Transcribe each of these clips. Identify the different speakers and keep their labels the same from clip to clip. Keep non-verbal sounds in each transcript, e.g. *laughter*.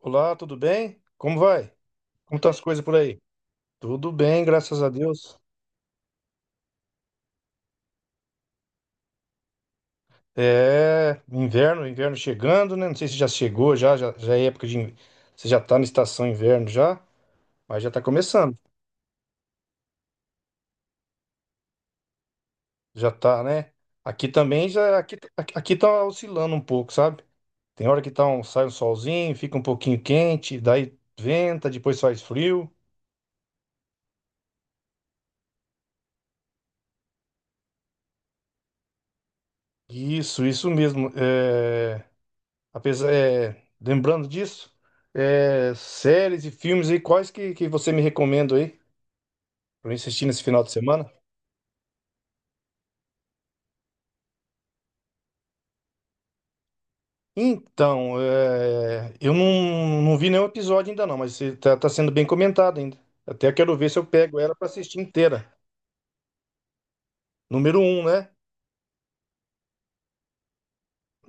Speaker 1: Olá, tudo bem? Como vai? Como estão as coisas por aí? Tudo bem, graças a Deus. Inverno, chegando, né? Não sei se já chegou, já é época de. Você já tá na estação inverno já, mas já tá começando. Já tá, né? Aqui também já, aqui tá oscilando um pouco, sabe? Tem hora que tá um, sai um solzinho, fica um pouquinho quente, daí venta, depois faz frio. Isso mesmo. Apesar, lembrando disso, séries e filmes aí, que você me recomenda aí pra eu assistir nesse final de semana? Eu não vi nenhum episódio ainda não, mas você tá sendo bem comentado ainda. Até quero ver se eu pego ela pra assistir inteira. Número um, né?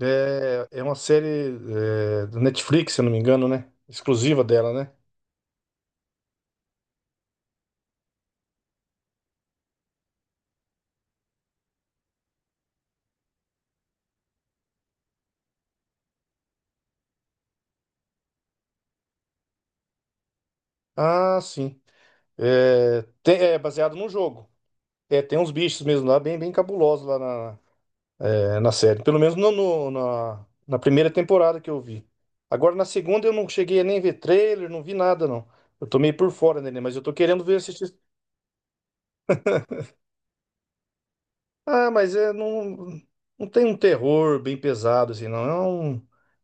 Speaker 1: É uma série do Netflix, se eu não me engano, né? Exclusiva dela, né? Ah, sim. É baseado num jogo. É, tem uns bichos mesmo lá, bem, bem cabulosos lá na série. Pelo menos na na, primeira temporada que eu vi. Agora na segunda eu não cheguei a nem ver trailer, não vi nada, não. Eu tô meio por fora dele, mas eu tô querendo ver assistir. Ah, não tem um terror bem pesado, assim, não.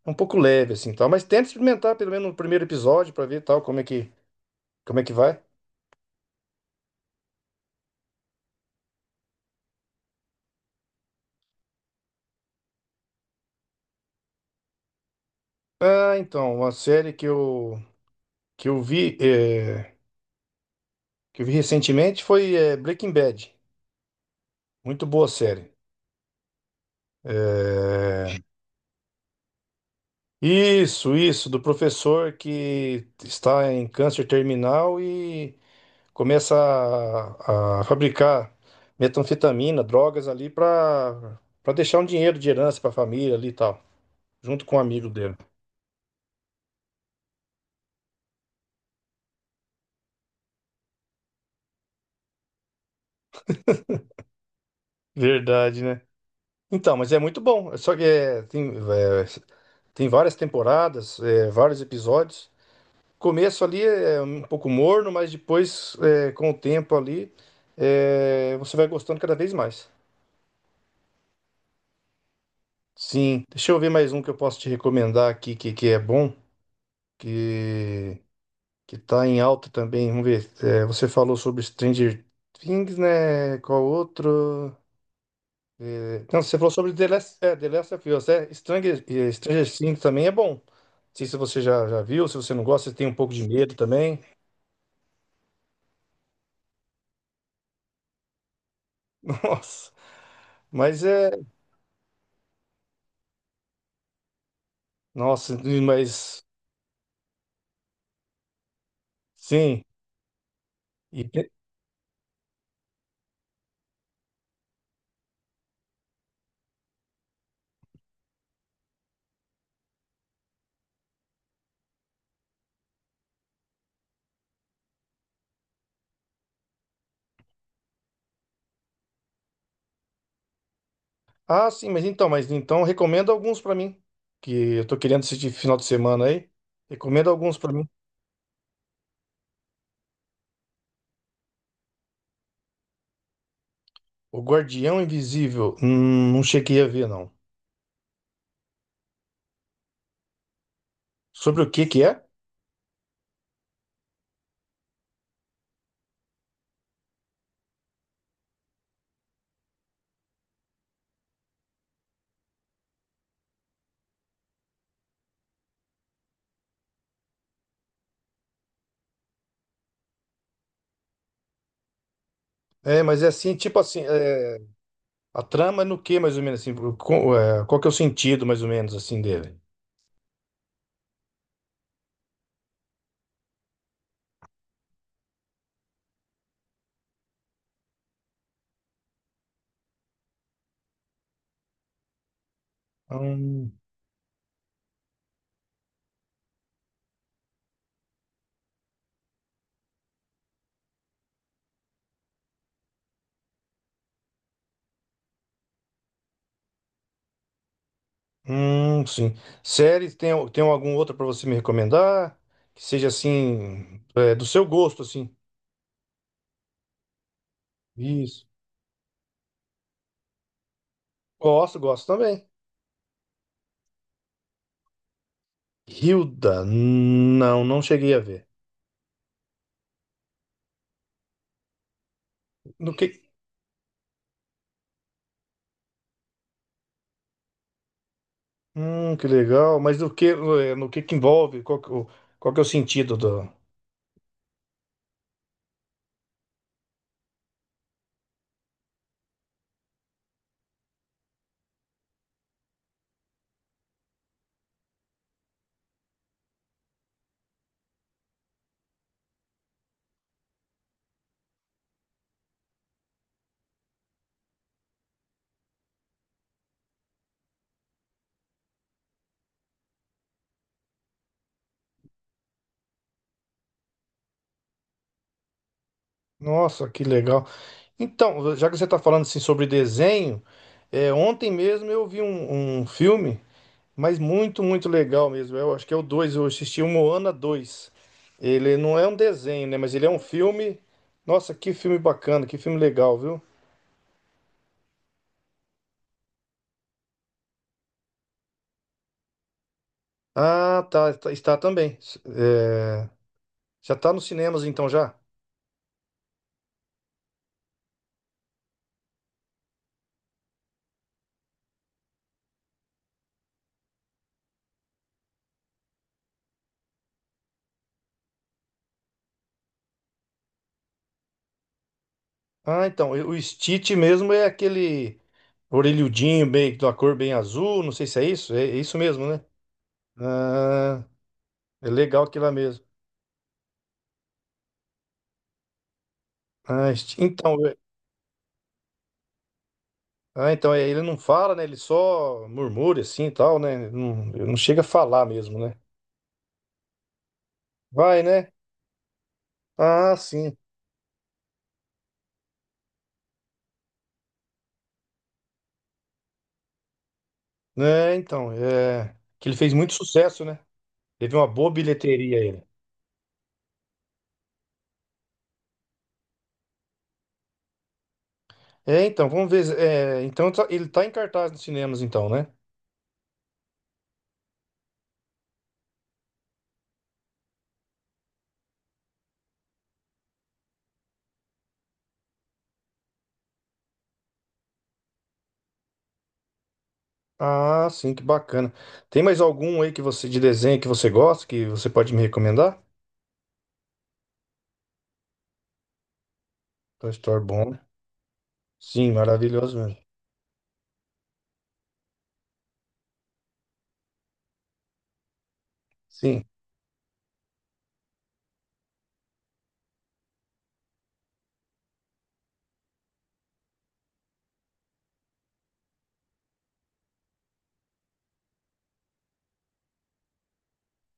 Speaker 1: É um pouco leve, assim, tal. Mas tenta experimentar pelo menos no primeiro episódio pra ver tal, como é que vai. Ah, então, uma série que eu vi, é, que eu vi recentemente foi Breaking Bad. Muito boa série. É, isso, do professor que está em câncer terminal e começa a fabricar metanfetamina, drogas ali para deixar um dinheiro de herança para a família ali e tal, junto com um amigo dele. Verdade, né? Então, mas é muito bom. Só que tem várias temporadas, vários episódios. Começo ali é um pouco morno, mas depois, com o tempo ali, você vai gostando cada vez mais. Sim, deixa eu ver mais um que eu posso te recomendar aqui que é bom, que que tá em alta também. Vamos ver. É, você falou sobre Stranger Things, né? Qual outro? Não, você falou sobre The Last of Us, Stranger Things também é bom. Não sei se você já viu, se você não gosta, você tem um pouco de medo também. *laughs* Nossa, mas é, nossa, mas sim. E, Ah, sim, mas então recomenda alguns pra mim, que eu tô querendo assistir final de semana aí. Recomenda alguns pra mim. O Guardião Invisível, não cheguei a ver não. Sobre o que que é? Tipo assim, a trama é no que mais ou menos assim, qual que é o sentido mais ou menos assim dele? Hum, hum, sim. Séries, tem algum outro pra você me recomendar? Que seja assim, do seu gosto assim. Isso. Gosto, gosto também. Hilda? Não, não cheguei a ver. No que legal. Mas do que, no que envolve? Qual que é o sentido do... Nossa, que legal. Então, já que você está falando assim sobre desenho, ontem mesmo eu vi um filme, mas muito, muito legal mesmo. Eu acho que é o 2. Eu assisti o Moana dois. Ele não é um desenho, né? Mas ele é um filme. Nossa, que filme bacana, que filme legal, viu? Ah, está também. Eh, já está nos cinemas então já? Ah, então, o Stitch mesmo é aquele orelhudinho bem, da cor bem azul, não sei se é isso, é, é isso mesmo, né? Ah, é legal aquilo lá mesmo. Ah, Sti- então, é- ah, então, ele não fala, né? Ele só murmura assim e tal, né? Ele não chega a falar mesmo, né? Vai, né? Ah, sim. É que ele fez muito sucesso, né? Teve uma boa bilheteria ele. É, então, vamos ver. É, então ele tá em cartaz nos cinemas, então, né? Ah, sim, que bacana. Tem mais algum aí que você de desenho que você gosta, que você pode me recomendar? Toy Story bom, né? Sim, maravilhoso mesmo. Sim.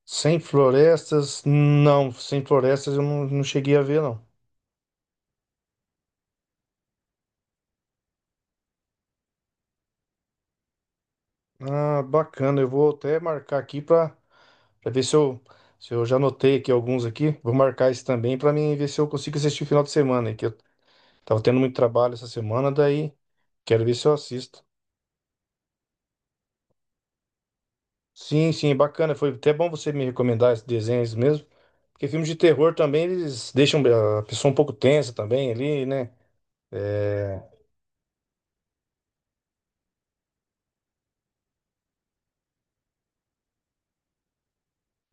Speaker 1: Sem Florestas, não, Sem Florestas eu não cheguei a ver, não. Ah, bacana, eu vou até marcar aqui para ver se eu, se eu já anotei aqui alguns aqui. Vou marcar esse também para mim ver se eu consigo assistir o final de semana, aí, que eu tava tendo muito trabalho essa semana, daí quero ver se eu assisto. Sim, sim, bacana. Foi até bom você me recomendar esses desenhos mesmo. Porque filmes de terror também, eles deixam a pessoa um pouco tensa também ali, né? É...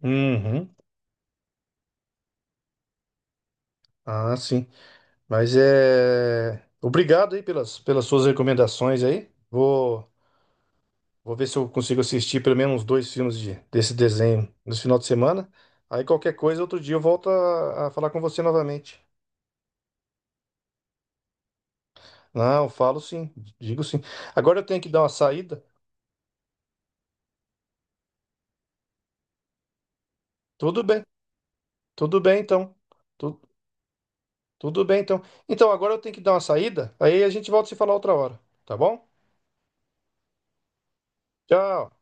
Speaker 1: Uhum. Ah, sim. Mas é... Obrigado aí pelas suas recomendações aí. Vou ver se eu consigo assistir pelo menos uns dois filmes de, desse desenho no final de semana. Aí qualquer coisa, outro dia eu volto a falar com você novamente. Não, eu falo sim, digo sim. Agora eu tenho que dar uma saída. Tudo bem, tudo bem então. Tu- Tudo bem, então. Então, agora eu tenho que dar uma saída, aí a gente volta a se falar outra hora, tá bom? Tchau.